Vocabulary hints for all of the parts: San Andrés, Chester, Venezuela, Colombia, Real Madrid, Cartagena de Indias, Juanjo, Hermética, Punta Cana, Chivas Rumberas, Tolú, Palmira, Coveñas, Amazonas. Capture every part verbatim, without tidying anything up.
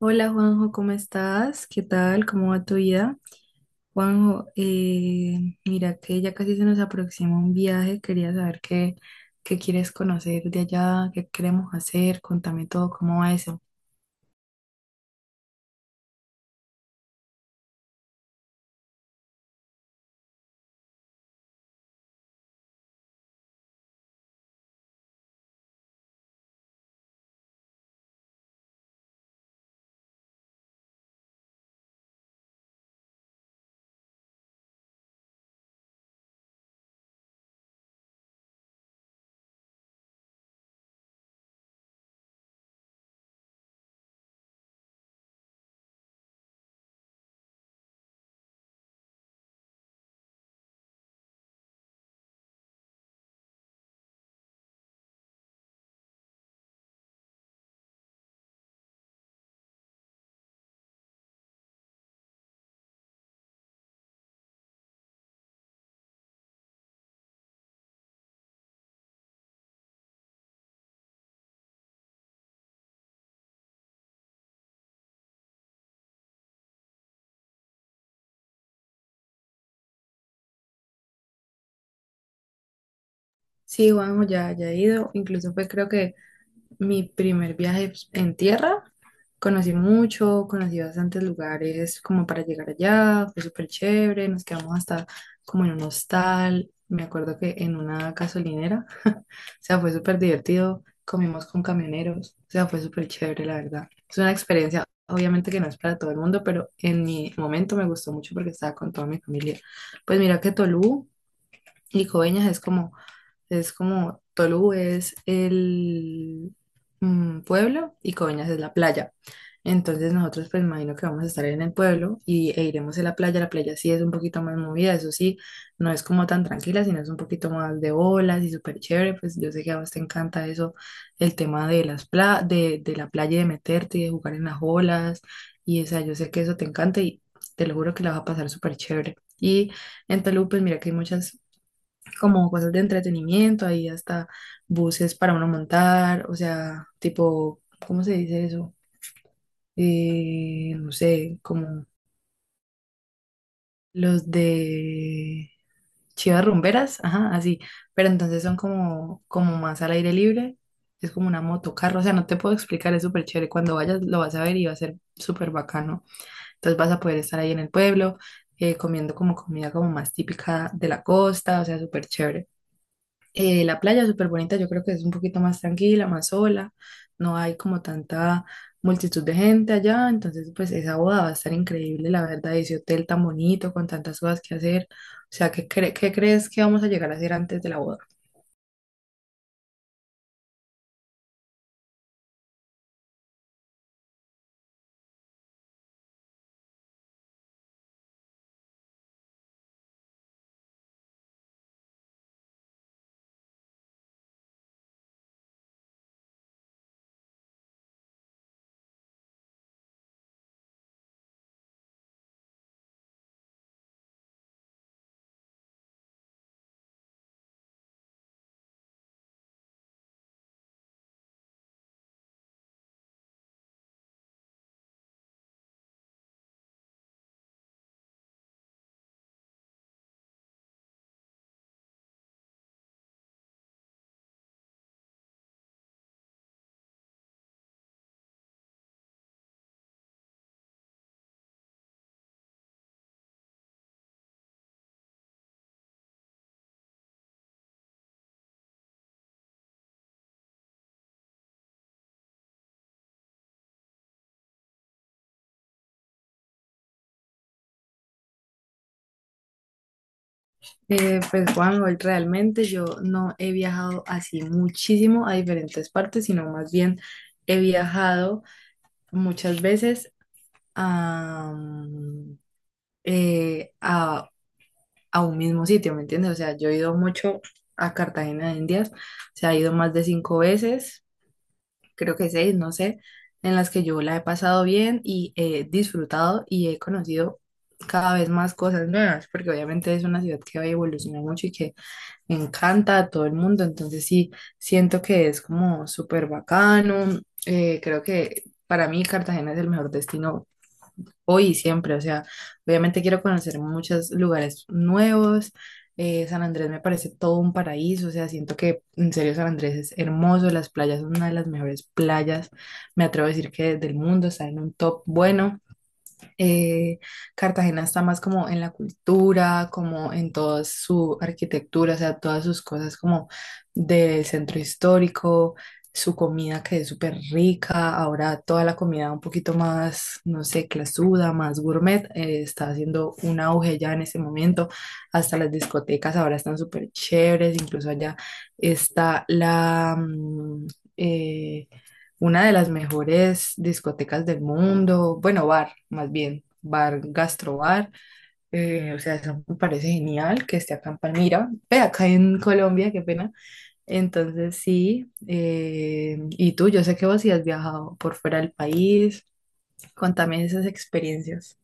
Hola Juanjo, ¿cómo estás? ¿Qué tal? ¿Cómo va tu vida? Juanjo, eh, mira que ya casi se nos aproxima un viaje. Quería saber qué, qué quieres conocer de allá, qué queremos hacer, contame todo. ¿Cómo va eso? Sí, Juanjo, ya, ya he ido. Incluso fue, creo que, Mi primer viaje en tierra. Conocí mucho, conocí bastantes lugares como para llegar allá, fue súper chévere. Nos quedamos hasta como en un hostal, me acuerdo, que en una gasolinera, o sea, fue súper divertido. Comimos con camioneros, o sea, fue súper chévere, la verdad. Es una experiencia, obviamente que no es para todo el mundo, pero en mi momento me gustó mucho porque estaba con toda mi familia. Pues mira que Tolú y Coveñas es como, es como Tolú es el mm, pueblo y Coveñas es la playa. Entonces nosotros, pues, imagino que vamos a estar en el pueblo y, e iremos a la playa. La playa sí es un poquito más movida, eso sí, no es como tan tranquila, sino es un poquito más de olas y súper chévere. Pues yo sé que a vos te encanta eso, el tema de las pla- de, de la playa, y de meterte y de jugar en las olas. Y, o sea, yo sé que eso te encanta y te lo juro que la vas a pasar súper chévere. Y en Tolú, pues mira que hay muchas como cosas de entretenimiento, ahí hasta buses para uno montar, o sea, tipo, ¿cómo se dice eso? Eh, no sé, como los de Chivas Rumberas, ajá, así, pero entonces son como, como más al aire libre, es como una motocarro, o sea, no te puedo explicar, es súper chévere, cuando vayas lo vas a ver y va a ser súper bacano. Entonces vas a poder estar ahí en el pueblo, eh, comiendo como comida como más típica de la costa, o sea, súper chévere. Eh, la playa es súper bonita, yo creo que es un poquito más tranquila, más sola, no hay como tanta multitud de gente allá. Entonces, pues, esa boda va a estar increíble, la verdad, ese hotel tan bonito, con tantas cosas que hacer. O sea, ¿qué, cre- qué crees que vamos a llegar a hacer antes de la boda? Eh, pues, Juan, hoy realmente yo no he viajado así muchísimo a diferentes partes, sino más bien he viajado muchas veces a, mm, eh, a a un mismo sitio, ¿me entiendes? O sea, yo he ido mucho a Cartagena de Indias, o sea, he ido más de cinco veces, creo que seis, no sé, en las que yo la he pasado bien y he disfrutado y he conocido cada vez más cosas nuevas, porque obviamente es una ciudad que va a evolucionar mucho y que encanta a todo el mundo. Entonces, sí, siento que es como súper bacano. Eh, creo que para mí Cartagena es el mejor destino hoy y siempre. O sea, obviamente quiero conocer muchos lugares nuevos. eh, San Andrés me parece todo un paraíso. O sea, siento que en serio San Andrés es hermoso. Las playas son una de las mejores playas, me atrevo a decir, que del mundo, está en un top bueno. eh, Cartagena está más como en la cultura, como en toda su arquitectura, o sea, todas sus cosas como del centro histórico, su comida que es súper rica, ahora toda la comida un poquito más, no sé, clasuda, más gourmet, eh, está haciendo un auge ya en ese momento. Hasta las discotecas ahora están súper chéveres, incluso allá está la... mm, eh, una de las mejores discotecas del mundo, bueno, bar, más bien, bar, gastrobar, eh, o sea, eso me parece genial que esté acá en Palmira, ve, acá en Colombia, qué pena. Entonces, sí, eh, y tú, yo sé que vos sí has viajado por fuera del país, contame esas experiencias.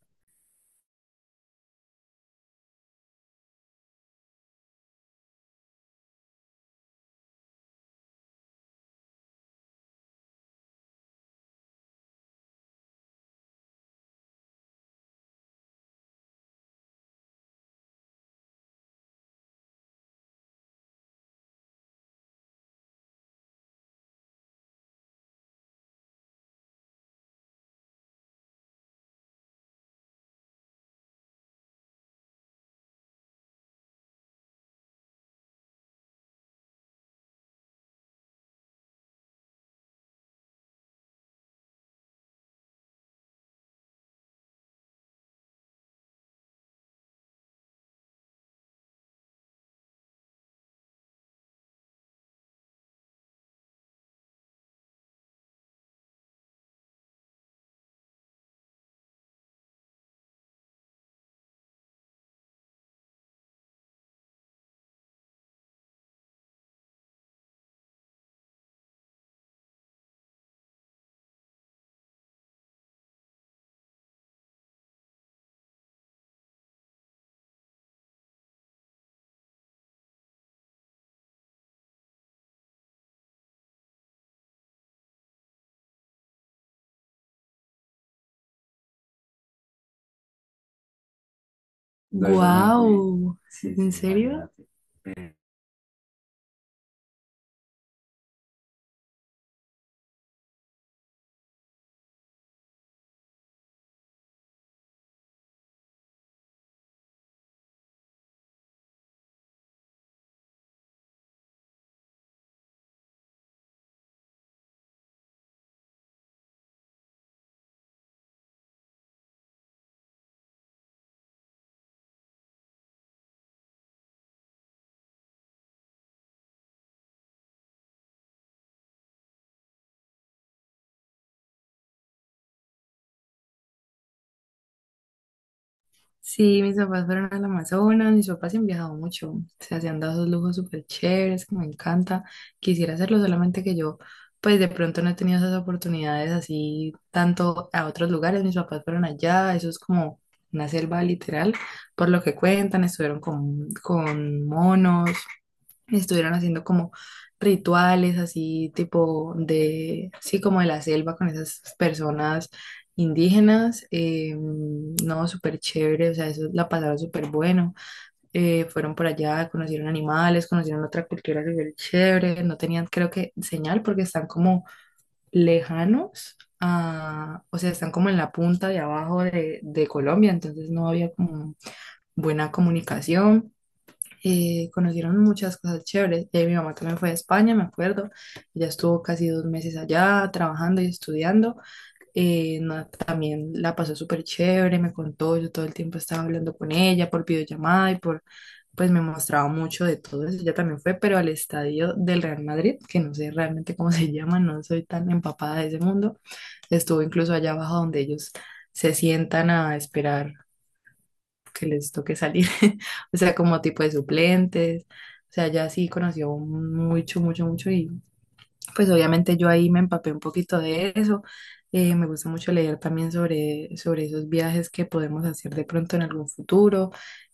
Wow, ¿en la serio? Sí, mis papás fueron al Amazonas. Mis papás se han viajado mucho, o sea, se han dado esos lujos súper chéveres que me encanta. Quisiera hacerlo, solamente que yo, pues, de pronto no he tenido esas oportunidades así tanto a otros lugares. Mis papás fueron allá, eso es como una selva literal, por lo que cuentan. Estuvieron con, con, monos, estuvieron haciendo como rituales así tipo de, sí, como de la selva con esas personas indígenas. Eh, no, súper chévere, o sea, eso la pasaron súper bueno. Eh, fueron por allá, conocieron animales, conocieron otra cultura súper chévere. No tenían, creo que, señal, porque están como lejanos, a- o sea, están como en la punta de abajo de, de Colombia, entonces no había como buena comunicación. Eh, conocieron muchas cosas chéveres. Eh, mi mamá también fue a España, me acuerdo. Ella estuvo casi dos meses allá trabajando y estudiando. Eh, no- también la pasó súper chévere, me contó. Yo todo el tiempo estaba hablando con ella por videollamada y por, pues me mostraba mucho de todo eso. Ella también fue, pero al estadio del Real Madrid, que no sé realmente cómo se llama, no soy tan empapada de ese mundo. Estuvo incluso allá abajo donde ellos se sientan a esperar que les toque salir, o sea, como tipo de suplentes. O sea, ya sí conoció mucho, mucho, mucho, y pues obviamente yo ahí me empapé un poquito de eso. Eh, me gusta mucho leer también sobre, sobre, esos viajes que podemos hacer de pronto en algún futuro.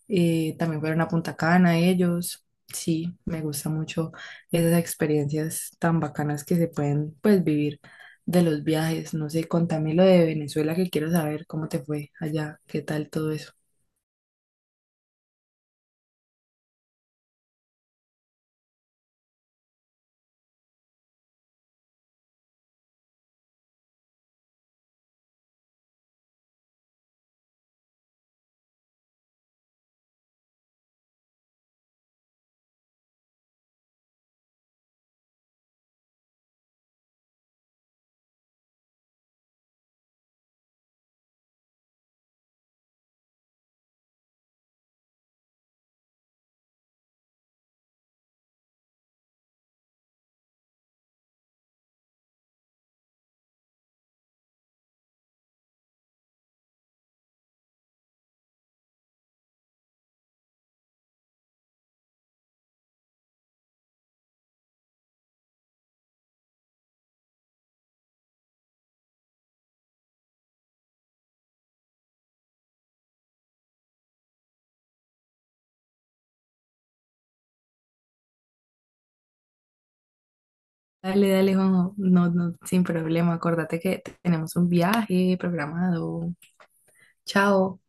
Eh, también fueron a Punta Cana ellos. Sí, me gusta mucho esas experiencias tan bacanas que se pueden, pues, vivir de los viajes. No sé, contame lo de Venezuela, que quiero saber cómo te fue allá, qué tal todo eso. Dale, dale, Juanjo. No, no, sin problema. Acuérdate que tenemos un viaje programado. Chao.